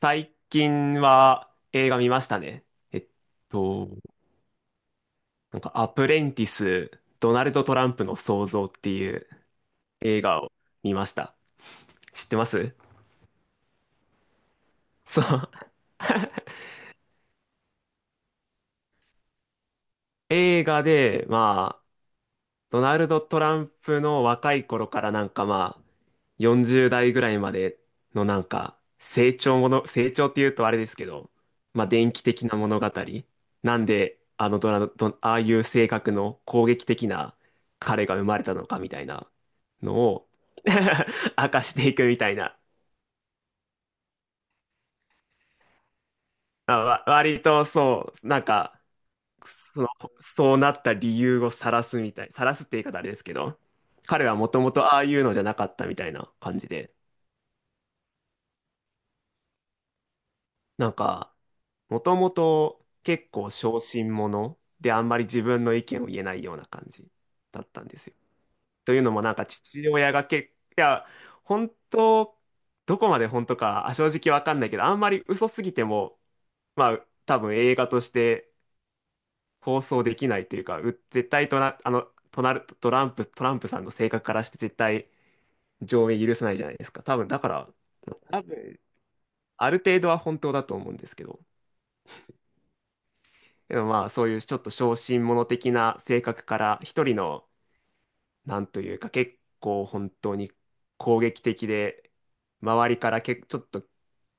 最近は映画見ましたね。えっと、なんかアプレンティス、ドナルド・トランプの創造っていう映画を見ました。知ってます？ そう。映画で、ドナルド・トランプの若い頃から40代ぐらいまでの成長もの、成長っていうとあれですけど、まあ、電気的な物語。なんで、あのドラ、ド、ああいう性格の攻撃的な彼が生まれたのかみたいなのを 明かしていくみたいな。まあ、割とそう、その、そうなった理由を晒すみたい、晒すって言い方あれですけど、彼はもともとああいうのじゃなかったみたいな感じで、なんか、もともと結構小心者であんまり自分の意見を言えないような感じだったんですよ。というのも父親がけ、いや、本当、どこまで本当か正直わかんないけど、あんまり嘘すぎても、まあ多分映画として放送できないというか、う絶対とな、あの、となる、トランプ、トランプさんの性格からして絶対上映許さないじゃないですか。多分、だから、多分、ある程度は本当だと思うんですけど、でもまあそういうちょっと小心者的な性格から一人のなんというか結構本当に攻撃的で周りからちょっと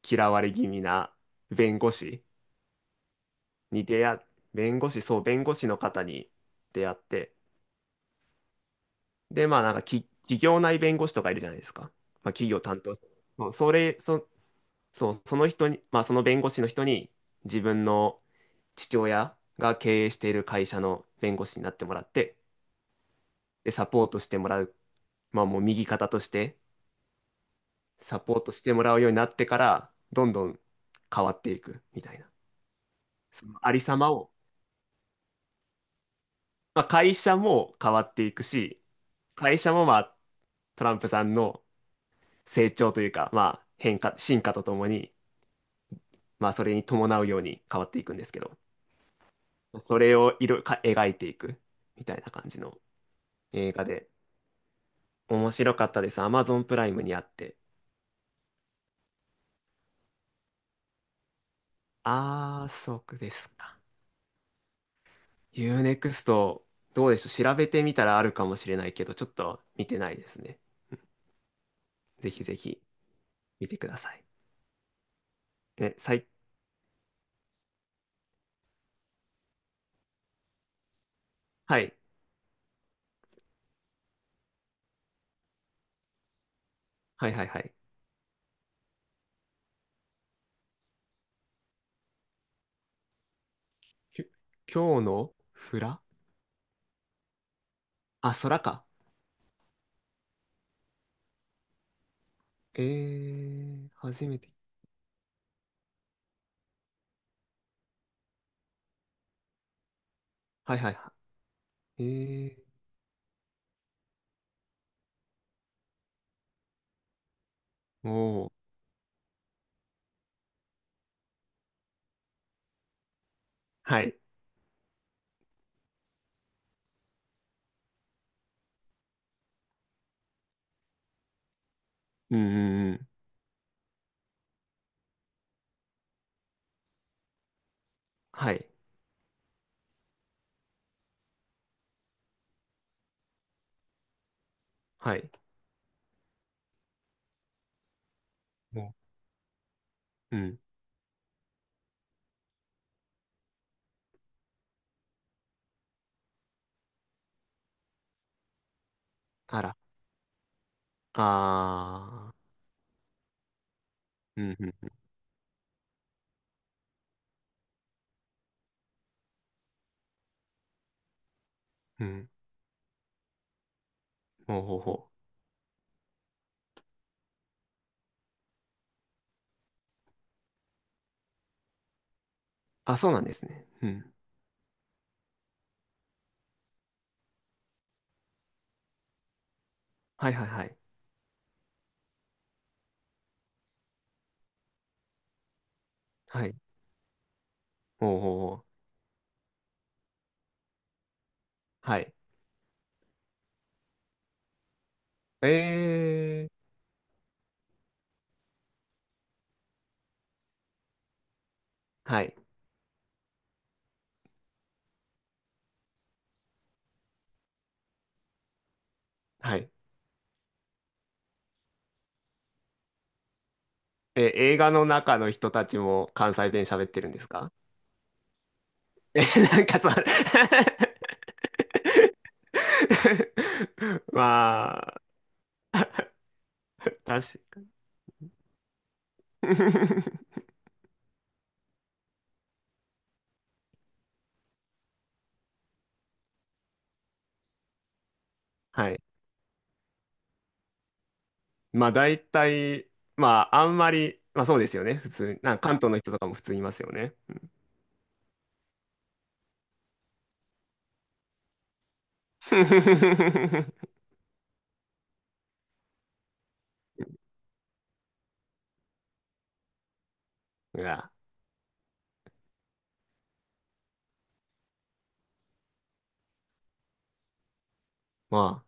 嫌われ気味な弁護士に出会っ弁護士そう弁護士の方に出会って、で、まあなんか企業内弁護士とかいるじゃないですか。まあ企業担当。そうそれ、そ、そう、その人に、まあその弁護士の人に自分の父親が経営している会社の弁護士になってもらって、で、サポートしてもらう。まあもう右肩としてサポートしてもらうようになってから、どんどん変わっていくみたいな。そのありさまを、まあ会社も変わっていくし、会社もまあトランプさんの成長というか、まあ変化、進化とともに、まあ、それに伴うように変わっていくんですけど、それを描いていくみたいな感じの映画で、面白かったです。Amazon プライムにあって。あー、そうですか。ユーネクストどうでしょう。調べてみたらあるかもしれないけど、ちょっと見てないですね。うん、ぜひぜひ見てください。ね、さい、はい、はいはいはい。きゅ今日のフラあ、空か。えー、初めて。はいはいはい。えー、おー、はい。うんうん、はい。はい。もう、うん。あら。あー。うん、うん、うん。ほうほうほう。あ、そうなんですね。うん。はいはいはい。はい。ほうほうほう。はい。えー。はい。はい。え、映画の中の人たちも関西弁喋ってるんですか？ え、なんかさ、まあ、確か はい。まあ、大体、まあ、あんまり、まあそうですよね。普通、なんか関東の人とかも普通いますよね。いや、ま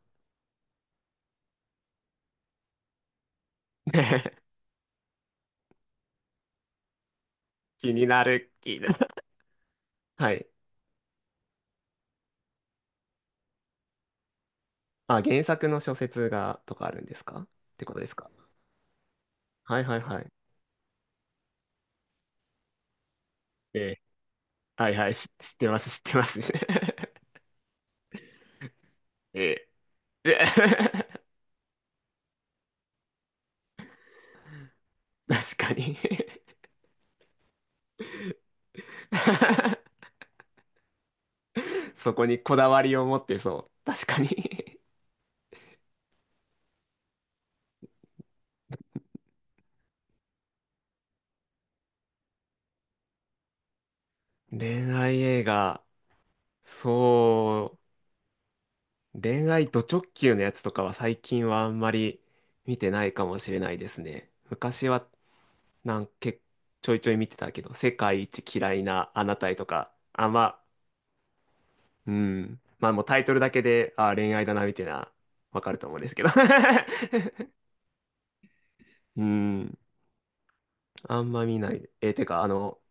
あ、気になる、気になる。はい。あ、原作の小説が、とかあるんですかってことですか？はいはいはい。ええ、はいはい、知ってます、知ってます。ええ、で 確かに そこにこだわりを持ってそう。確かに 恋愛映画、そう、恋愛ド直球のやつとかは最近はあんまり見てないかもしれないですね。昔はなんけ、ちょいちょい見てたけど、世界一嫌いなあなたへとか、あ、まあ、うん。まあもうタイトルだけで、あ、恋愛だな、みたいな、わかると思うんですけど。うん。あんま見ない。え、てか、あの、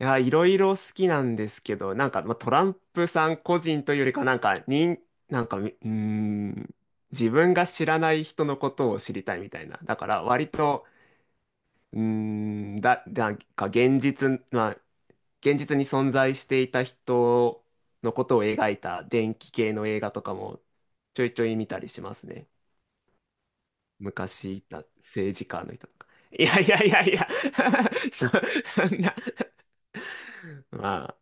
いや、いろいろ好きなんですけど、なんか、まあ、トランプさん個人というよりか、なんか、人、なんか、みうん、自分が知らない人のことを知りたいみたいな。だから、割と、うーなんか現実、まあ、現実に存在していた人のことを描いた電気系の映画とかもちょいちょい見たりしますね。昔いた政治家の人とか。いやいやいやいや そんな、まあ、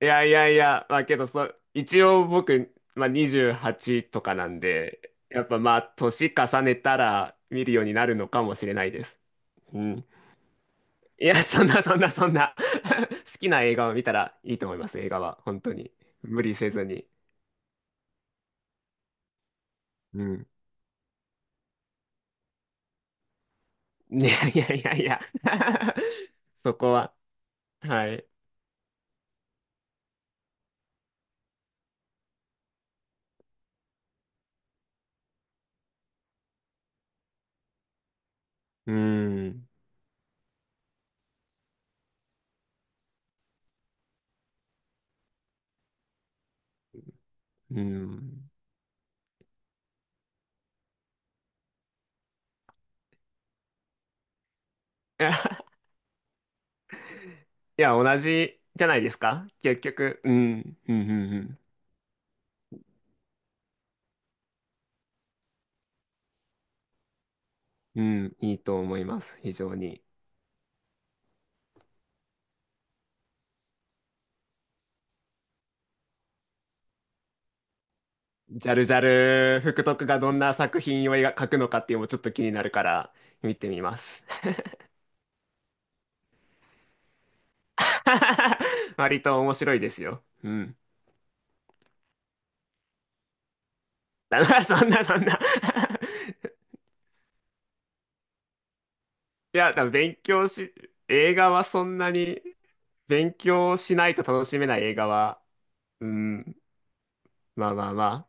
いやいやいや、まあけどそ、一応僕、まあ、28とかなんで、やっぱまあ、年重ねたら見るようになるのかもしれないです。うん。いや、そんなそんなそんな 好きな映画を見たらいいと思います、映画は。本当に。無理せずに。うん。いやいやいやいや そこは、はい。うん。うん。いや同じじゃないですか結局。うん。うん。うん。うん。うん、いいと思います。非常に。ジャルジャル、福徳がどんな作品を描くのかっていうのもちょっと気になるから、見てみます。割と面白いですよ。うん。だからそんな、そんな いや、多分勉強し、映画はそんなに勉強しないと楽しめない映画は、うん、まあまあまあ、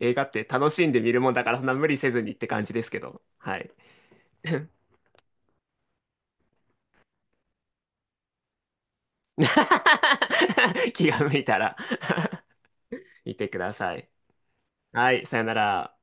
映画って楽しんで見るもんだからそんな無理せずにって感じですけど、はい。気が向いたら見てください。はい、さよなら。